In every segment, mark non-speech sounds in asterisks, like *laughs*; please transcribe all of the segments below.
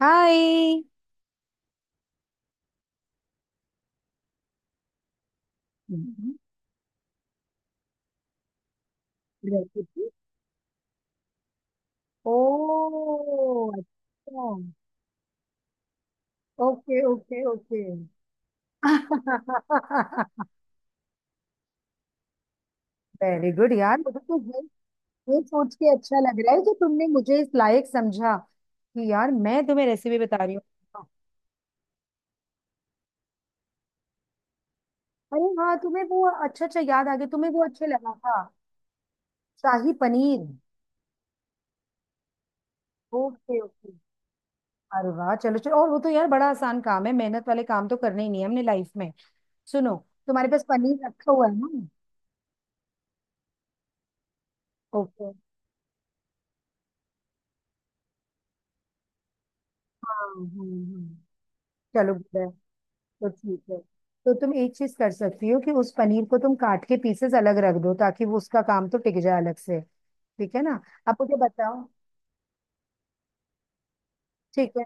हाय। हम्म, रहती थी। ओ, अच्छा। Okay okay okay. *laughs* Very good यार, मुझे तो ये सोच के अच्छा लग रहा है कि तुमने मुझे इस लायक समझा कि यार मैं तुम्हें रेसिपी बता रही हूँ। अरे हाँ, तुम्हें वो अच्छा अच्छा याद आ गया, तुम्हें वो अच्छा लगा था। शाही पनीर। Okay okay. अरे वाह, चलो चलो, और वो तो यार बड़ा आसान काम है, मेहनत वाले काम तो करने ही नहीं है हमने लाइफ में। सुनो, तुम्हारे पास पनीर रखा हुआ है ना। ओके। हाँ, चलो बुरा है। तो ठीक है, तो तुम एक चीज कर सकती हो कि उस पनीर को तुम काट के पीसेस अलग रख दो ताकि वो उसका काम तो टिक जाए अलग से। ठीक है ना। अब मुझे बताओ। ठीक है।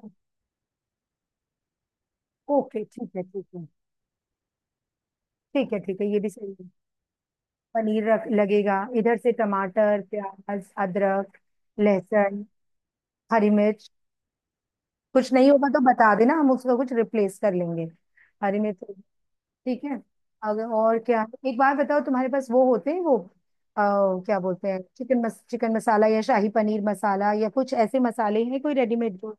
ओके ठीक है ठीक है। ठीक है ठीक है ये भी सही है। पनीर रख लगेगा, इधर से टमाटर, प्याज, अदरक, लहसुन, हरी मिर्च। कुछ नहीं होगा तो बता देना, हम उसका कुछ रिप्लेस कर लेंगे। हरी मिर्च ठीक है। अगर और क्या, एक बार बताओ तुम्हारे पास वो होते हैं वो अ, क्या बोलते हैं चिकन चिकन मसाला या शाही पनीर मसाला या कुछ ऐसे मसाले हैं कोई रेडीमेड जो।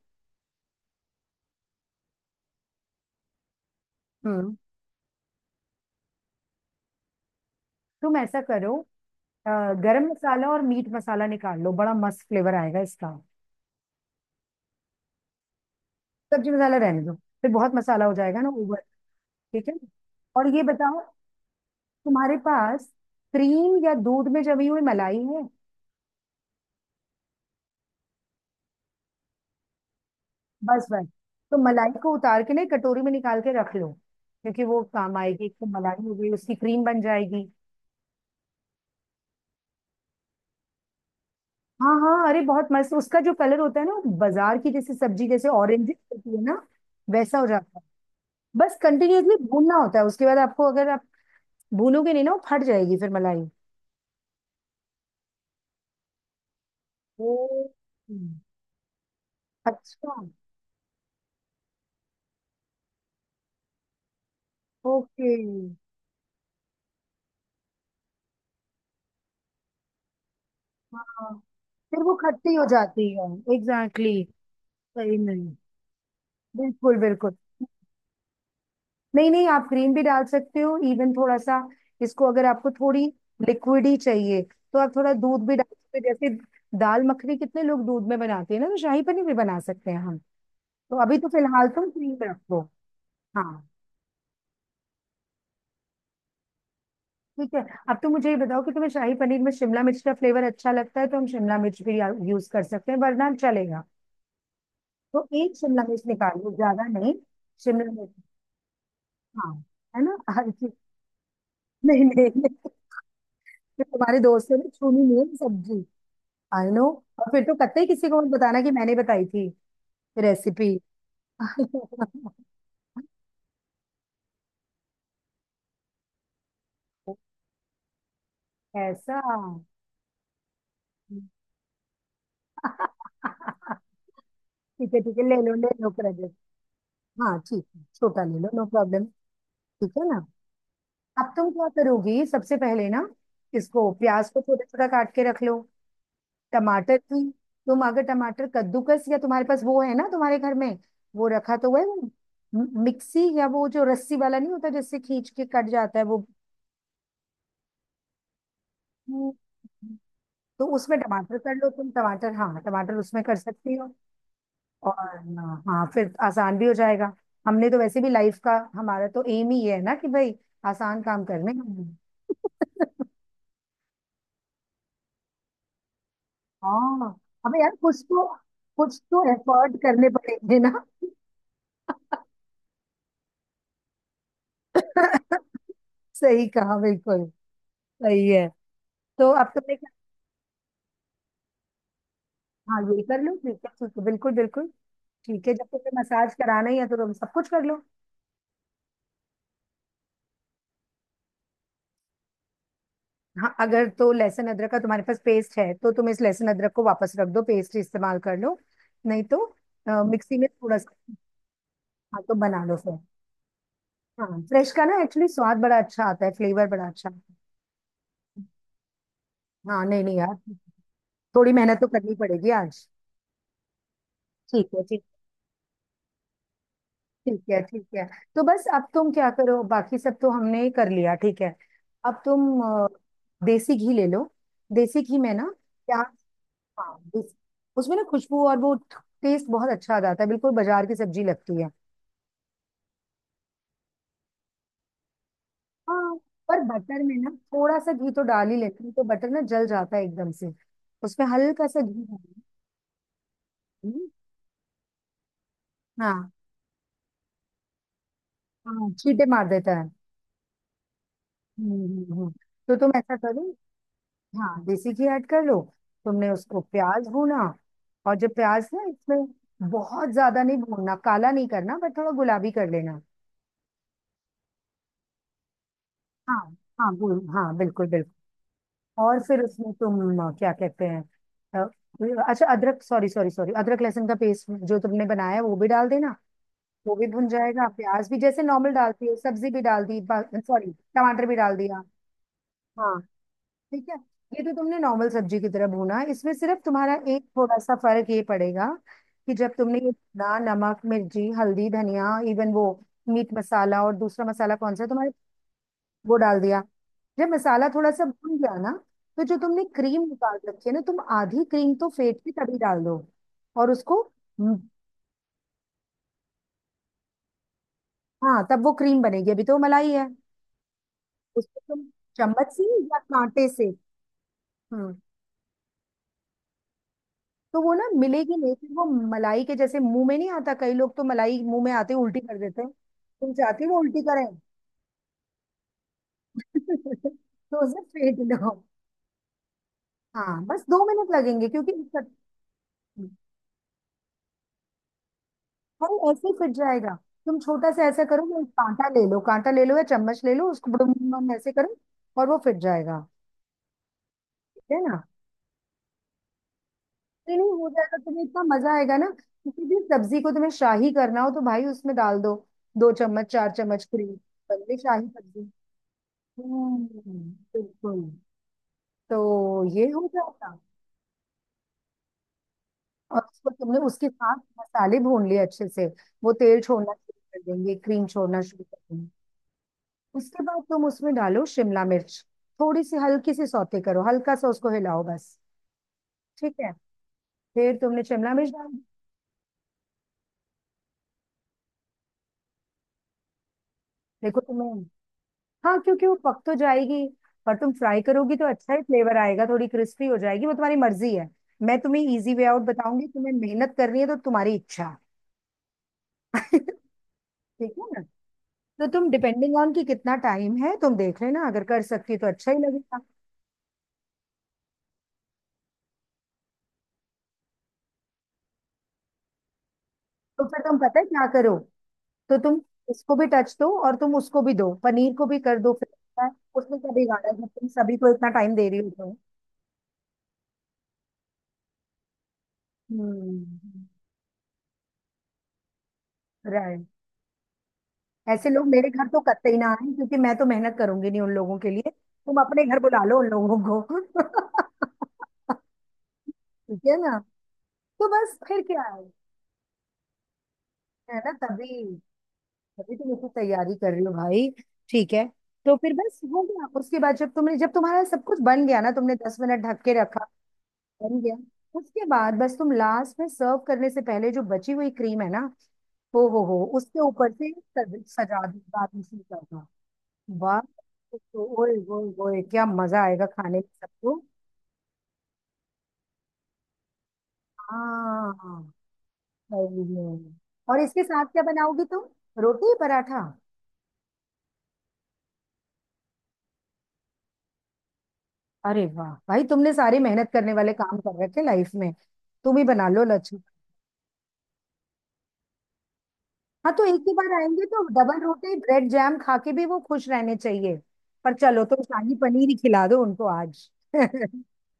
हम्म। तुम ऐसा करो, अ, गरम मसाला और मीट मसाला निकाल लो, बड़ा मस्त फ्लेवर आएगा इसका। सब्जी मसाला रहने दो, फिर बहुत मसाला हो जाएगा ना ओवर। ठीक है, और ये बताओ, तुम्हारे पास क्रीम या दूध में जमी हुई मलाई है। बस बस। तो मलाई को उतार के ना एक कटोरी में निकाल के रख लो, क्योंकि वो काम आएगी, एक तो मलाई हो गई, उसकी क्रीम बन जाएगी। हाँ हाँ, अरे बहुत मस्त, उसका जो कलर होता है ना, वो बाजार की जैसे सब्जी, जैसे ऑरेंज होती है ना, वैसा हो जाता है। बस कंटिन्यूअसली भूनना होता है उसके बाद, आपको अगर आप भूनोगे नहीं ना, वो फट जाएगी फिर मलाई। ओ, अच्छा। ओके। हाँ, फिर वो खट्टी हो जाती है। Exactly exactly। सही नहीं। बिल्कुल बिल्कुल। नहीं नहीं, आप ग्रीन भी डाल सकते हो इवन, थोड़ा सा इसको, अगर आपको थोड़ी लिक्विड ही चाहिए तो आप थोड़ा दूध भी डाल सकते हो, जैसे दाल मखनी कितने लोग दूध में बनाते हैं ना, तो शाही पनीर भी बना सकते हैं हम। तो अभी तो फिलहाल तुम क्रीम रखो। हाँ ठीक है। अब तो मुझे ये बताओ कि तुम्हें शाही पनीर में शिमला मिर्च का फ्लेवर अच्छा लगता है तो हम शिमला मिर्च भी यूज कर सकते हैं, वरना चलेगा। तो एक शिमला मिर्च निकालो, ज्यादा नहीं। शिमला मिर्च। हाँ, है ना। *laughs* हर चीज, नहीं नहीं नहीं, तुम्हारे दोस्त ने छूनी नहीं है सब्जी। I know. और फिर तो कतई किसी को मत बताना कि मैंने बताई थी रेसिपी। *laughs* ऐसा। ठीक है ठीक है, ले लो क्रेडिट। हाँ ठीक है, छोटा ले लो, नो प्रॉब्लम। ठीक है ना। अब तुम क्या करोगी सबसे पहले ना, इसको प्याज को छोटा छोटा काट के रख लो, टमाटर भी। तुम अगर टमाटर कद्दूकस, या तुम्हारे पास वो है ना तुम्हारे घर में वो रखा तो है वो, मिक्सी, या वो जो रस्सी वाला नहीं होता जिससे खींच के कट जाता है वो। हम्म। तो उसमें टमाटर कर लो तुम, टमाटर हाँ, टमाटर उसमें कर सकती हो। और हाँ फिर आसान भी हो जाएगा, हमने तो वैसे भी लाइफ का हमारा तो एम ही ये है ना कि भाई आसान काम करने हैं। *laughs* हाँ, अबे यार, कुछ तो एफर्ट करने पड़ेंगे ना। *laughs* सही कहा, बिल्कुल सही है। तो अब तुमने क्या। हाँ ये कर लो, ठीक है ठीक है, बिल्कुल बिल्कुल। ठीक है, जब तुम्हें मसाज कराना ही है तो तुम सब कुछ कर लो। हाँ, अगर तो लहसुन अदरक का तुम्हारे पास पेस्ट है तो तुम इस लहसुन अदरक को वापस रख दो, पेस्ट इस्तेमाल कर लो। नहीं तो मिक्सी में थोड़ा सा। हाँ तो बना लो फिर। हाँ फ्रेश का ना एक्चुअली स्वाद बड़ा अच्छा आता है, फ्लेवर बड़ा अच्छा आता है। हाँ नहीं नहीं यार, थोड़ी मेहनत तो करनी पड़ेगी आज। ठीक है ठीक। ठीक है ठीक है। तो बस अब तुम क्या करो, बाकी सब तो हमने ही कर लिया, ठीक है। अब तुम देसी घी ले लो, देसी घी में ना, क्या, हाँ उसमें ना खुशबू और वो टेस्ट बहुत अच्छा आ जाता है, बिल्कुल बाजार की सब्जी लगती है। हाँ, पर बटर में ना थोड़ा सा घी तो डाल ही लेती हूँ, तो बटर ना जल जाता है एकदम से, उसमें हल्का सा घी डाल देती हूँ। हाँ हाँ, छींटे मार देता है। हम्म हम्म, हम्म। तो तुम ऐसा करो, हाँ देसी घी ऐड कर लो, तुमने उसको प्याज भूना, और जब प्याज ना, इसमें बहुत ज्यादा नहीं भूनना, काला नहीं करना, पर थोड़ा गुलाबी कर लेना। हाँ हाँ भून, हाँ बिल्कुल बिल्कुल। और फिर उसमें तुम क्या कहते हैं, अ, अच्छा अदरक, सॉरी सॉरी सॉरी, अदरक लहसुन का पेस्ट जो तुमने बनाया है वो भी डाल देना। वो भी भुन जाएगा, प्याज भी, जैसे नॉर्मल डालती हो सब्जी भी डाल दी, सॉरी टमाटर भी डाल दिया। हाँ ठीक है। ये तो तुमने नॉर्मल सब्जी की तरह भूना, इसमें सिर्फ तुम्हारा एक थोड़ा सा फर्क ये पड़ेगा कि जब तुमने ये भुना, नमक, मिर्ची, हल्दी, धनिया, इवन वो मीट मसाला और दूसरा मसाला कौन सा है? तुम्हारे, वो डाल दिया। जब मसाला थोड़ा सा भून गया ना तो जो तुमने क्रीम निकाल रखी है ना, तुम आधी क्रीम तो फेट के तभी डाल दो, और उसको, हम्म, हाँ तब वो क्रीम बनेगी, अभी तो मलाई है। उसको तुम चम्मच से या कांटे से। हम्म। तो वो ना मिलेगी नहीं फिर वो, मलाई के जैसे मुंह में नहीं आता, कई लोग तो मलाई मुंह में आते ही उल्टी कर देते हैं, तुम चाहती हो वो उल्टी करें। *laughs* तो उसे फेंट लो। हाँ बस 2 मिनट लगेंगे क्योंकि, भाई ऐसे ही फिट जाएगा। तुम छोटा सा ऐसा करो ना, एक कांटा ले लो, कांटा ले लो या चम्मच ले लो, उसको बुडुम बुडुम ऐसे करो और वो फिट जाएगा। ठीक है ना। नहीं नहीं, हो जाएगा, तुम्हें इतना मजा आएगा ना, किसी भी सब्जी को तुम्हें शाही करना हो तो भाई उसमें डाल दो 2 चम्मच 4 चम्मच क्रीम, बन गई शाही सब्जी। हम्म, बिल्कुल। तो ये हो जाएगा, और उसको तुमने उसके साथ मसाले भून लिए अच्छे से, वो तेल छोड़ना शुरू कर देंगे, क्रीम छोड़ना शुरू कर देंगे। उसके बाद तुम उसमें डालो शिमला मिर्च, थोड़ी सी हल्की सी सौते करो, हल्का सा उसको हिलाओ बस। ठीक है। फिर तुमने शिमला मिर्च डाल दी। देखो तुम्हें, हाँ क्योंकि वो पक तो जाएगी, पर तुम फ्राई करोगी तो अच्छा ही फ्लेवर आएगा, थोड़ी क्रिस्पी हो जाएगी, वो तुम्हारी मर्जी है। मैं तुम्हें इजी वे आउट बताऊंगी, तुम्हें मेहनत करनी है तो तुम्हारी इच्छा। *laughs* ठीक है ना। तो तुम डिपेंडिंग ऑन कि कितना टाइम है तुम देख लेना, अगर कर सकती हो तो अच्छा ही लगेगा। तो फिर तुम पता है क्या करो, तो तुम इसको भी टच दो, और तुम उसको भी दो, पनीर को भी कर दो, फिर पता है, उसमें क्या बिगाड़ा है जब तुम सभी को इतना टाइम दे रही हो तो। हम्म। राइट। ऐसे लोग मेरे घर तो कतई ना आए, क्योंकि मैं तो मेहनत करूंगी नहीं उन लोगों के लिए, तुम अपने घर बुला लो उन लोगों को। *laughs* ठीक है ना। तो बस फिर क्या है। है ना, तभी तभी तुम इतनी तैयारी कर रही हो भाई। ठीक है। तो फिर बस हो गया, उसके बाद जब तुमने, जब तुम्हारा सब कुछ बन गया ना, तुमने 10 मिनट ढक के रखा, बन गया। उसके बाद बस तुम लास्ट में सर्व करने से पहले, जो बची हुई क्रीम है ना, हो, उसके ऊपर से सजा दो, गार्निशिंग कर दो। वाह। तो ओए ओए ओए, क्या मजा आएगा खाने में सबको। हाँ सही में। और इसके साथ क्या बनाओगी तुम, रोटी पराठा। अरे वाह भाई, तुमने सारे मेहनत करने वाले काम कर रखे लाइफ में, तुम ही बना लो लच्छा। हाँ तो एक ही बार आएंगे तो डबल रोटी ब्रेड जैम खा के भी वो खुश रहने चाहिए। पर चलो तो शाही पनीर ही खिला दो उनको आज। *laughs*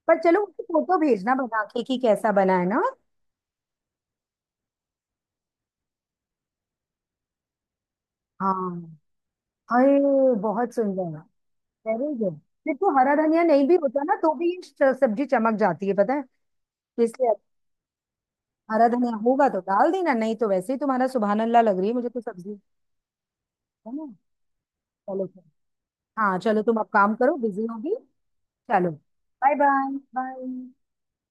पर चलो उनको फोटो भेजना बना के कि कैसा बना है ना। हाँ। अरे बहुत सुंदर। Very good. फिर तो हरा धनिया नहीं भी होता ना तो भी ये सब्जी चमक जाती है पता है, तो इसलिए हरा धनिया होगा तो डाल देना, नहीं तो वैसे ही तुम्हारा सुबहान अल्लाह लग रही है मुझे तो सब्जी। है ना। चलो फिर। हाँ चलो, तुम अब काम करो, बिजी होगी। चलो, बाय बाय। बाय।